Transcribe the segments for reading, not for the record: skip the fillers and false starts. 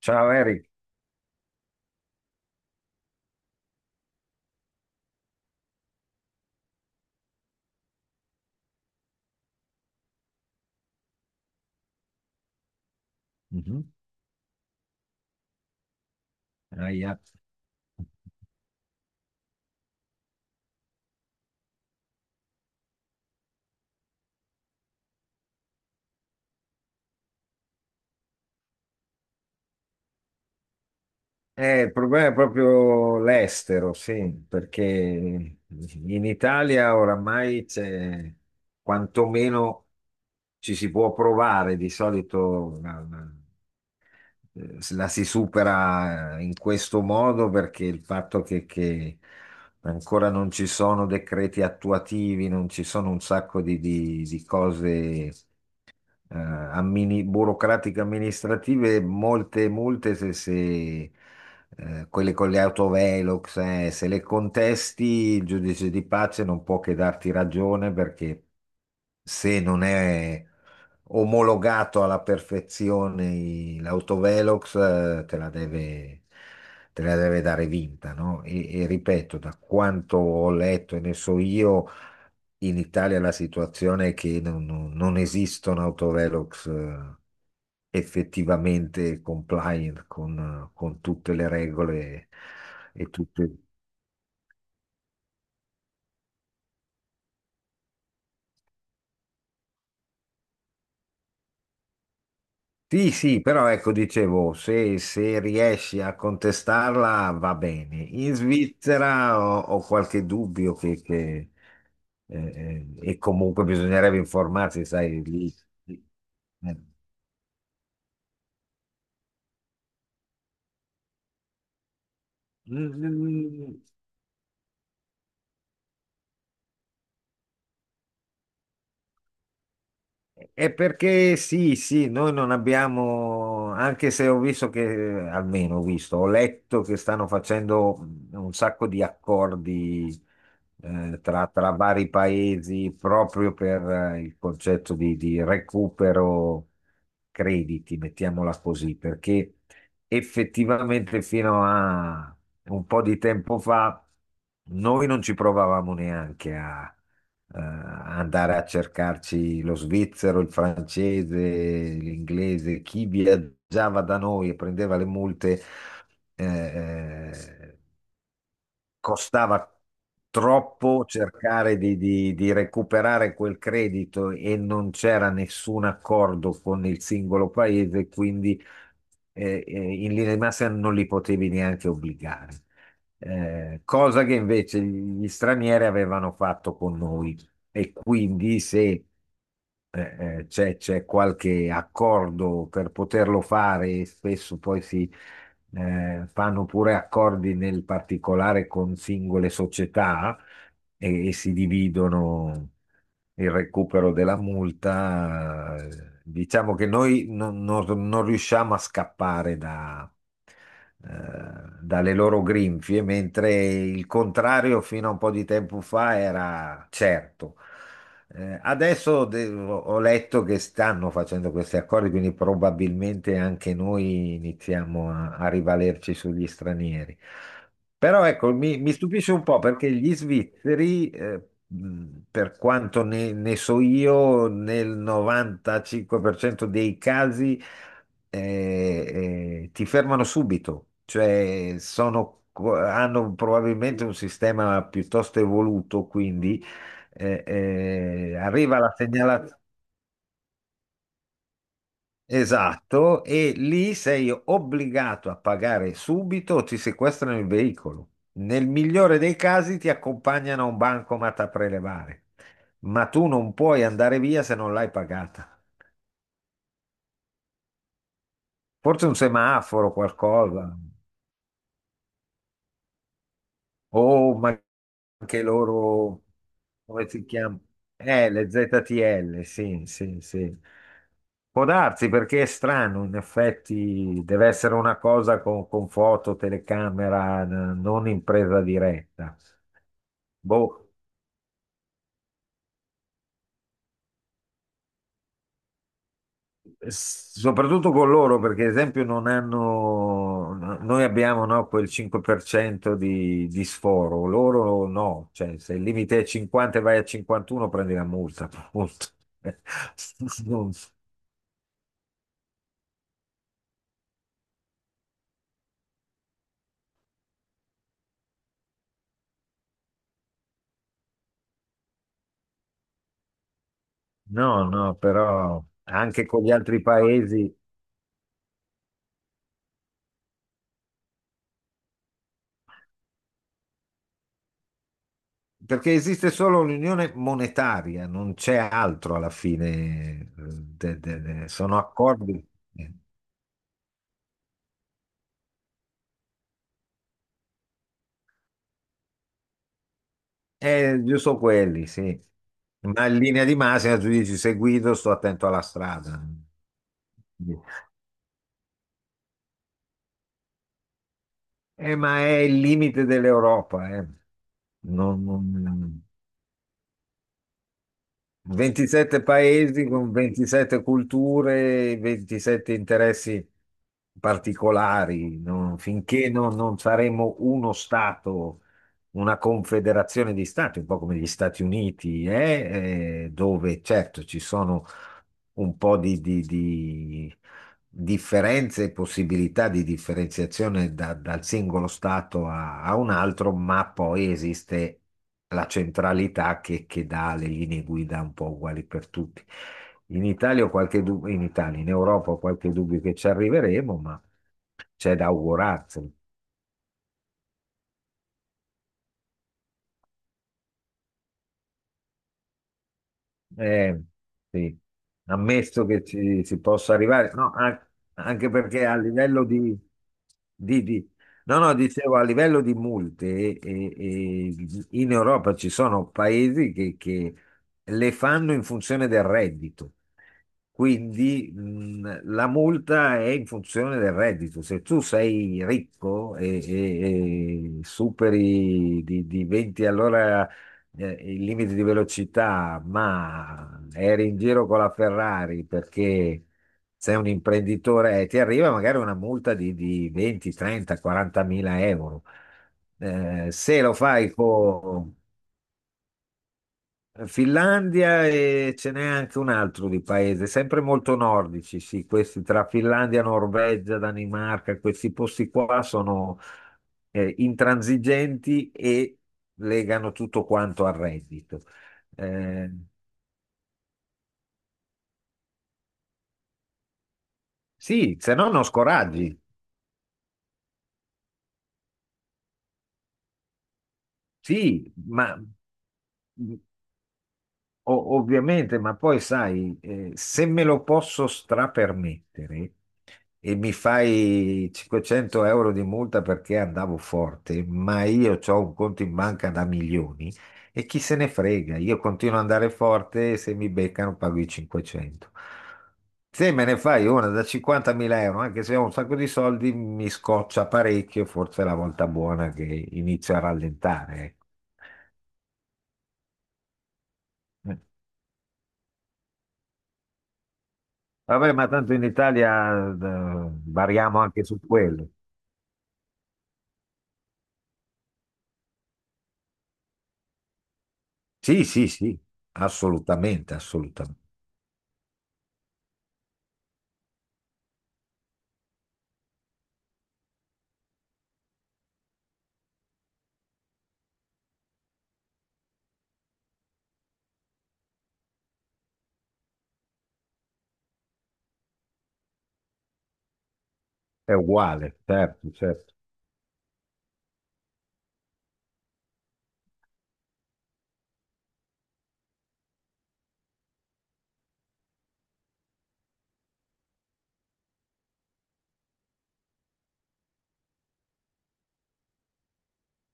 Ciao Eric. Mhm. Ahia. Il problema è proprio l'estero, sì, perché in Italia oramai c'è quantomeno ci si può provare. Di solito la si supera in questo modo perché il fatto che ancora non ci sono decreti attuativi, non ci sono un sacco di di cose. Burocratiche amministrative, molte multe se, se, quelle con le autovelox, se le contesti, il giudice di pace non può che darti ragione perché se non è omologato alla perfezione l'autovelox, te la deve dare vinta, no? E ripeto, da quanto ho letto e ne so io, in Italia la situazione è che non esistono autovelox effettivamente compliant con tutte le regole e tutte... Sì, sì, però ecco, dicevo, se riesci a contestarla va bene. In Svizzera ho qualche dubbio eh, e comunque bisognerebbe informarsi, sai, lì. lì- eh. Mm. È perché sì, sì, noi non abbiamo, anche se ho visto che, almeno ho visto, ho letto che stanno facendo un sacco di accordi, tra vari paesi proprio per il concetto di recupero crediti, mettiamola così, perché effettivamente fino a un po' di tempo fa noi non ci provavamo neanche a andare a cercarci lo svizzero, il francese, l'inglese, chi viaggiava da noi e prendeva le multe. eh, eh, Costava troppo cercare di recuperare quel credito e non c'era nessun accordo con il singolo paese, quindi in linea di massima non li potevi neanche obbligare. Cosa che invece gli stranieri avevano fatto con noi. E quindi se c'è qualche accordo per poterlo fare e spesso poi si fanno pure accordi nel particolare con singole società e si dividono il recupero della multa. Diciamo che noi non riusciamo a scappare eh, dalle loro grinfie, mentre il contrario fino a un po' di tempo fa era certo. Adesso ho letto che stanno facendo questi accordi, quindi probabilmente anche noi iniziamo a rivalerci sugli stranieri. Però ecco, mi stupisce un po' perché gli svizzeri, per quanto ne so io, nel 95% dei casi, eh, ti fermano subito, cioè hanno probabilmente un sistema piuttosto evoluto, quindi eh, arriva la segnalazione. Esatto, e lì sei obbligato a pagare subito o ti sequestrano il veicolo. Nel migliore dei casi ti accompagnano a un bancomat a prelevare, ma tu non puoi andare via se non l'hai pagata. Forse un semaforo, qualcosa. Oh, ma anche loro, come si chiama? Le ZTL, sì, sì, sì. Può darsi perché è strano, in effetti deve essere una cosa con foto, telecamera, non in presa diretta. Boh. Soprattutto con loro, perché ad esempio non hanno, noi abbiamo no, quel 5% di sforo, loro no, cioè se il limite è 50 e vai a 51 prendi la multa, appunto. No, no, però anche con gli altri paesi, perché esiste solo l'unione monetaria, non c'è altro alla fine. eh, Sono accordi. Giusto quelli, sì. Ma in linea di massima tu dici se guido sto attento alla strada. Ma è il limite dell'Europa, eh. Non- non- 27 paesi con 27 culture, 27 interessi particolari, no? Finché non saremo uno Stato, una confederazione di Stati, un po' come gli Stati Uniti, dove certo ci sono un po' di differenze e possibilità di differenziazione dal singolo Stato a un altro, ma poi esiste la centralità che dà le linee guida un po' uguali per tutti. In Italia, in Europa ho qualche dubbio che ci arriveremo, ma c'è da augurarsi. Eh, sì. Ammesso che ci si possa arrivare, no, anche perché a livello di- di- no, no, dicevo, a livello di multe, eh, eh, in Europa ci sono paesi che le fanno in funzione del reddito. Quindi la multa è in funzione del reddito. Se tu sei ricco e superi di 20 all'ora, il limite di velocità, ma eri in giro con la Ferrari perché sei un imprenditore e ti arriva magari una multa di 20, 30, 40 mila euro. Se lo fai con Finlandia e ce n'è anche un altro di paese, sempre molto nordici, sì, questi tra Finlandia, Norvegia, Danimarca, questi posti qua sono intransigenti e legano tutto quanto al reddito. Eh, sì, se no non scoraggi. Sì, ma ovviamente, ma poi sai, se me lo posso strapermettere e mi fai 500 euro di multa perché andavo forte, ma io ho un conto in banca da milioni e chi se ne frega, io continuo ad andare forte e se mi beccano pago i 500. Se me ne fai una da 50.000 euro, anche se ho un sacco di soldi, mi scoccia parecchio, forse è la volta buona che inizio a rallentare, ecco. Vabbè, ma tanto in Italia, variamo anche su quello. Sì, sì, sì, assolutamente, assolutamente. È uguale, certo, certo.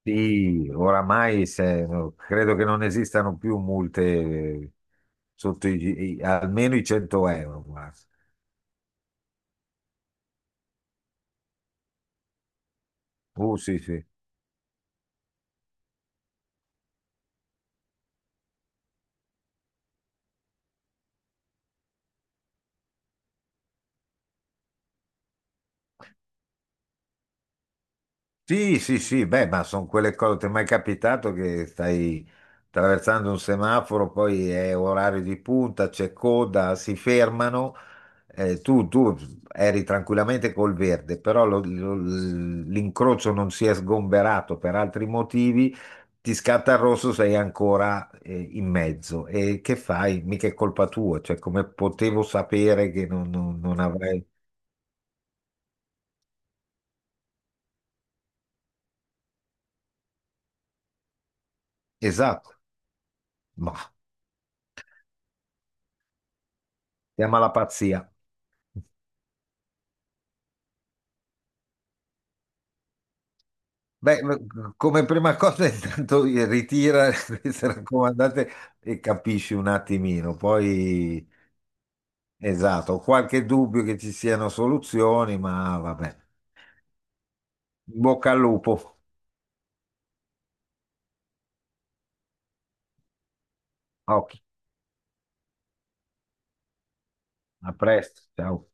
Sì, oramai credo che non esistano più multe sotto almeno i 100 euro, guarda. Sì, sì. Sì, sì, sì, beh, ma sono quelle cose, ti è mai capitato che stai attraversando un semaforo, poi è orario di punta, c'è coda, si fermano, tu eri tranquillamente col verde, però l'incrocio non si è sgomberato per altri motivi, ti scatta il rosso, sei ancora, in mezzo. E che fai? Mica è colpa tua, cioè come potevo sapere che non avrei... Esatto, ma chiama la pazzia. Beh, ma come prima cosa intanto ritira queste raccomandate e capisci un attimino, poi esatto, ho qualche dubbio che ci siano soluzioni, ma vabbè. In bocca al lupo, occhi, a presto, ciao.